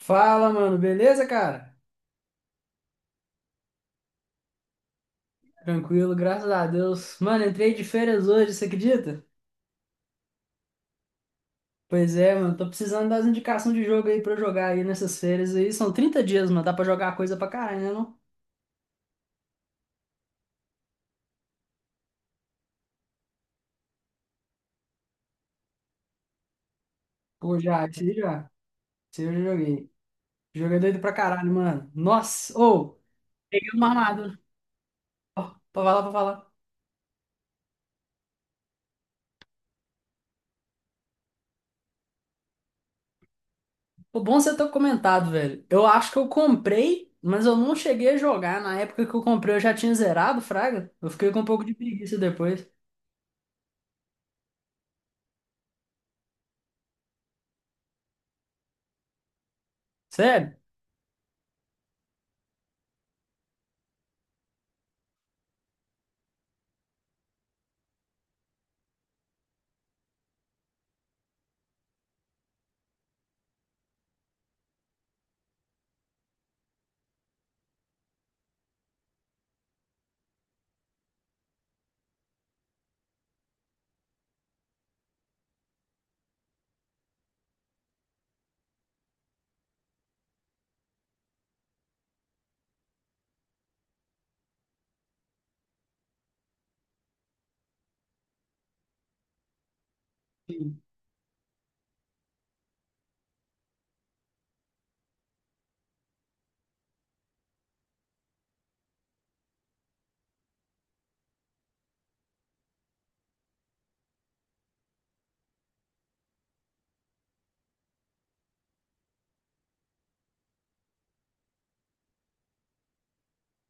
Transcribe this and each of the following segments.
Fala, mano, beleza, cara? Tranquilo, graças a Deus. Mano, entrei de férias hoje, você acredita? Pois é, mano, tô precisando das indicações de jogo aí pra eu jogar aí nessas férias aí. São 30 dias, mano, dá pra jogar coisa pra caralho, né, não? Pô, já. Esse aí eu já joguei. Joguei doido pra caralho, mano. Nossa, ô, peguei uma armadura. Ó, pra falar, pra falar. Pô, bom você ter comentado, velho. Eu acho que eu comprei, mas eu não cheguei a jogar. Na época que eu comprei, eu já tinha zerado, fraga. Eu fiquei com um pouco de preguiça depois. Sério?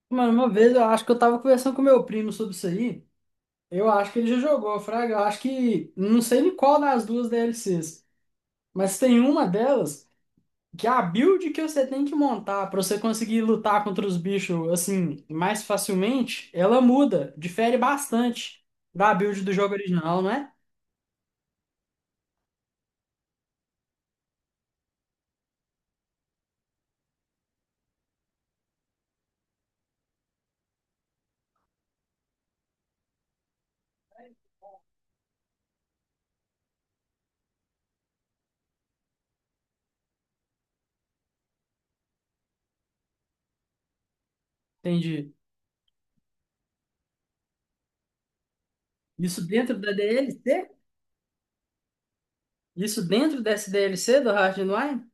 Mano, uma vez eu acho que eu tava conversando com meu primo sobre isso aí. Eu acho que ele já jogou, Fraga. Eu acho que. Não sei em qual das duas DLCs. Mas tem uma delas que é a build que você tem que montar pra você conseguir lutar contra os bichos assim mais facilmente, ela muda, difere bastante da build do jogo original, não é? Entendi. Isso dentro da DLC? Isso dentro dessa DLC do Hard and Wine?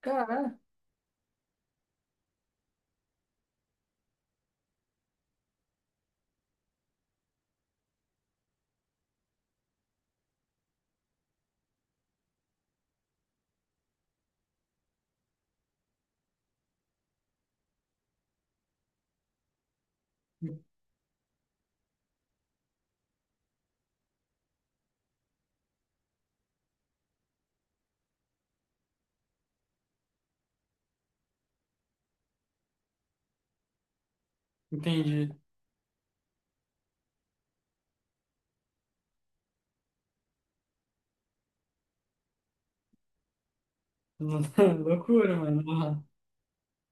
Caralho. Entendi. Loucura, mano.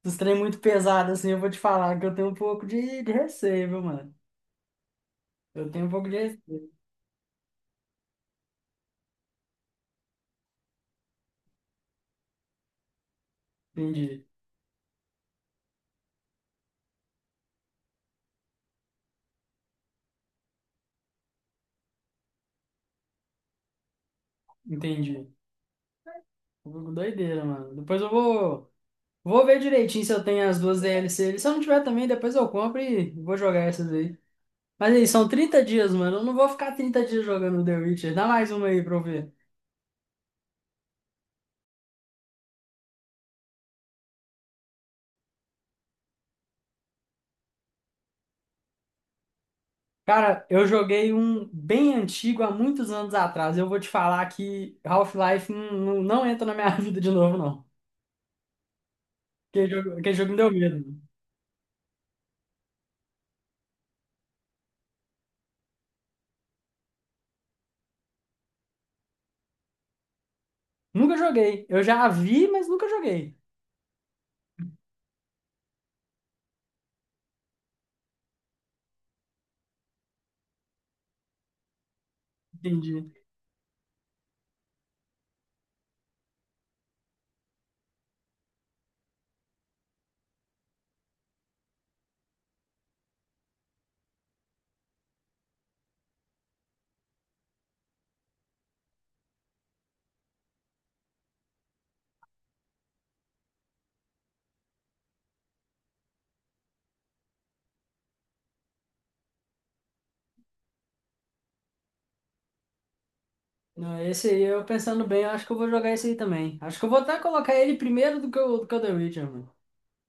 Dos trem é muito pesado, assim, eu vou te falar que eu tenho um pouco de receio, viu, mano? Eu tenho um pouco de receio. Entendi, entendi. Um pouco doideira, mano. Depois eu vou ver direitinho se eu tenho as duas D L DLC. Se eu não tiver também, depois eu compro e vou jogar essas aí. Mas aí, são 30 dias, mano. Eu não vou ficar 30 dias jogando The Witcher. Dá mais uma aí pra eu ver. Cara, eu joguei um bem antigo há muitos anos atrás. Eu vou te falar que Half-Life não, não, não entra na minha vida de novo, não. Aquele jogo me deu medo. Nunca joguei. Eu já vi, mas nunca joguei. Entendi. Não, esse aí, eu pensando bem, eu acho que eu vou jogar esse aí também. Acho que eu vou até colocar ele primeiro do que o The Witcher, mano.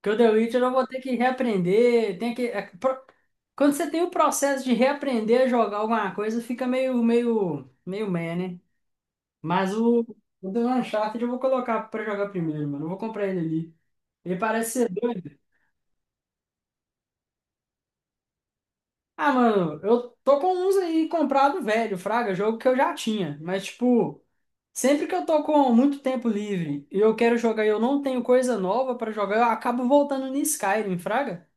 Porque o The Witcher eu vou ter que reaprender. Tem que, é, pro- Quando você tem o processo de reaprender a jogar alguma coisa, fica meio meh, né? Mas o do Uncharted eu vou colocar pra jogar primeiro, mano. Eu vou comprar ele ali. Ele parece ser doido. Ah, mano, eu tô com uns aí comprado velho, fraga, jogo que eu já tinha. Mas, tipo. Sempre que eu tô com muito tempo livre e eu quero jogar e eu não tenho coisa nova pra jogar, eu acabo voltando em Skyrim, fraga?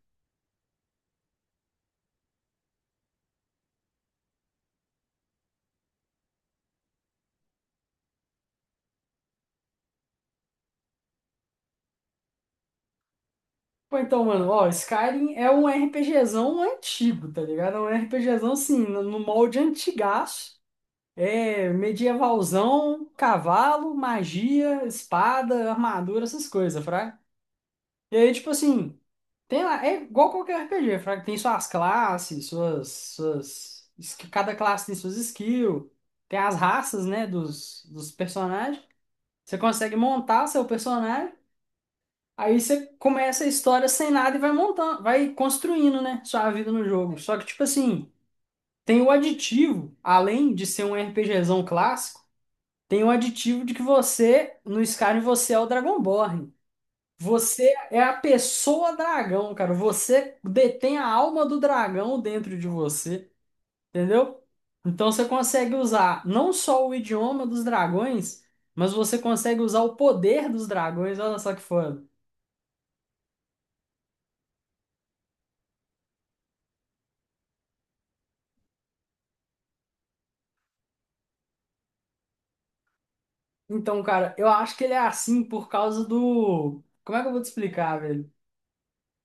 Pô, então, mano, ó, Skyrim é um RPGzão antigo, tá ligado? É um RPGzão, assim, no molde antigaço. É medievalzão, cavalo, magia, espada, armadura, essas coisas, fraga? E aí, tipo assim. Tem lá, é igual qualquer RPG, Fraga. Tem suas classes. Cada classe tem suas skills, tem as raças, né, dos personagens. Você consegue montar seu personagem, aí você começa a história sem nada e vai montando, vai construindo, né, sua vida no jogo. Só que, tipo assim, tem o aditivo, além de ser um RPGzão clássico, tem o aditivo de que você, no Skyrim, você é o Dragonborn. Você é a pessoa dragão, cara. Você detém a alma do dragão dentro de você, entendeu? Então você consegue usar não só o idioma dos dragões, mas você consegue usar o poder dos dragões. Olha só que foda. Então, cara, eu acho que ele é assim por causa do. Como é que eu vou te explicar, velho?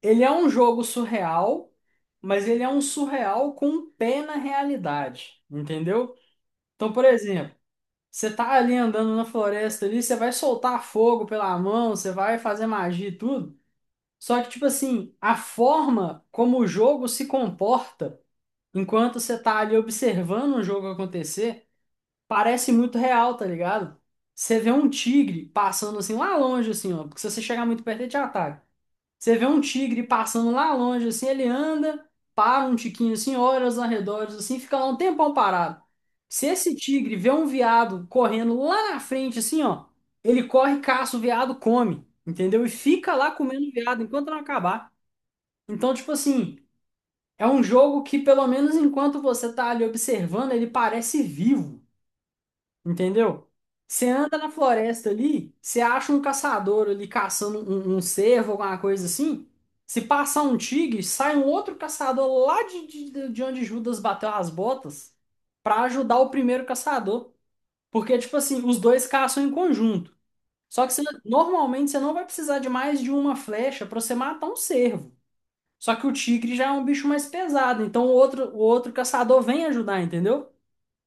Ele é um jogo surreal, mas ele é um surreal com um pé na realidade, entendeu? Então, por exemplo. Você tá ali andando na floresta ali, você vai soltar fogo pela mão, você vai fazer magia e tudo. Só que, tipo assim, a forma como o jogo se comporta enquanto você tá ali observando o jogo acontecer, parece muito real, tá ligado? Você vê um tigre passando assim lá longe, assim, ó. Porque se você chegar muito perto, ele te ataca. Você vê um tigre passando lá longe, assim, ele anda, para um tiquinho assim, olha os arredores, assim, fica lá um tempão parado. Se esse tigre vê um veado correndo lá na frente, assim, ó, ele corre, caça o veado, come, entendeu? E fica lá comendo o veado enquanto não acabar. Então, tipo assim, é um jogo que, pelo menos enquanto você tá ali observando, ele parece vivo. Entendeu? Você anda na floresta ali, você acha um caçador ali caçando um cervo, alguma coisa assim. Se passar um tigre, sai um outro caçador lá de onde Judas bateu as botas pra ajudar o primeiro caçador. Porque, tipo assim, os dois caçam em conjunto. Normalmente você não vai precisar de mais de uma flecha pra você matar um cervo. Só que o tigre já é um bicho mais pesado, então o outro caçador vem ajudar, entendeu?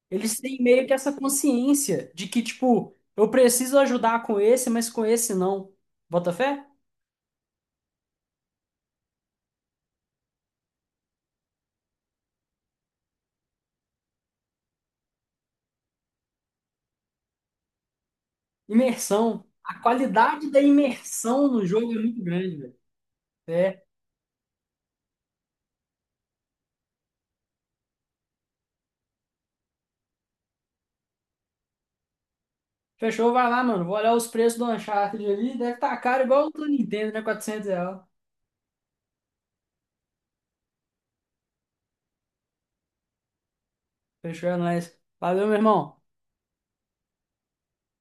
Eles têm meio que essa consciência de que, tipo, eu preciso ajudar com esse, mas com esse não. Bota fé? Imersão. A qualidade da imersão no jogo é muito grande, velho. É. Fechou, vai lá, mano. Vou olhar os preços do Uncharted ali. Deve estar caro igual o do Nintendo, né? R$ 400. Fechou, é nóis. Valeu, meu irmão.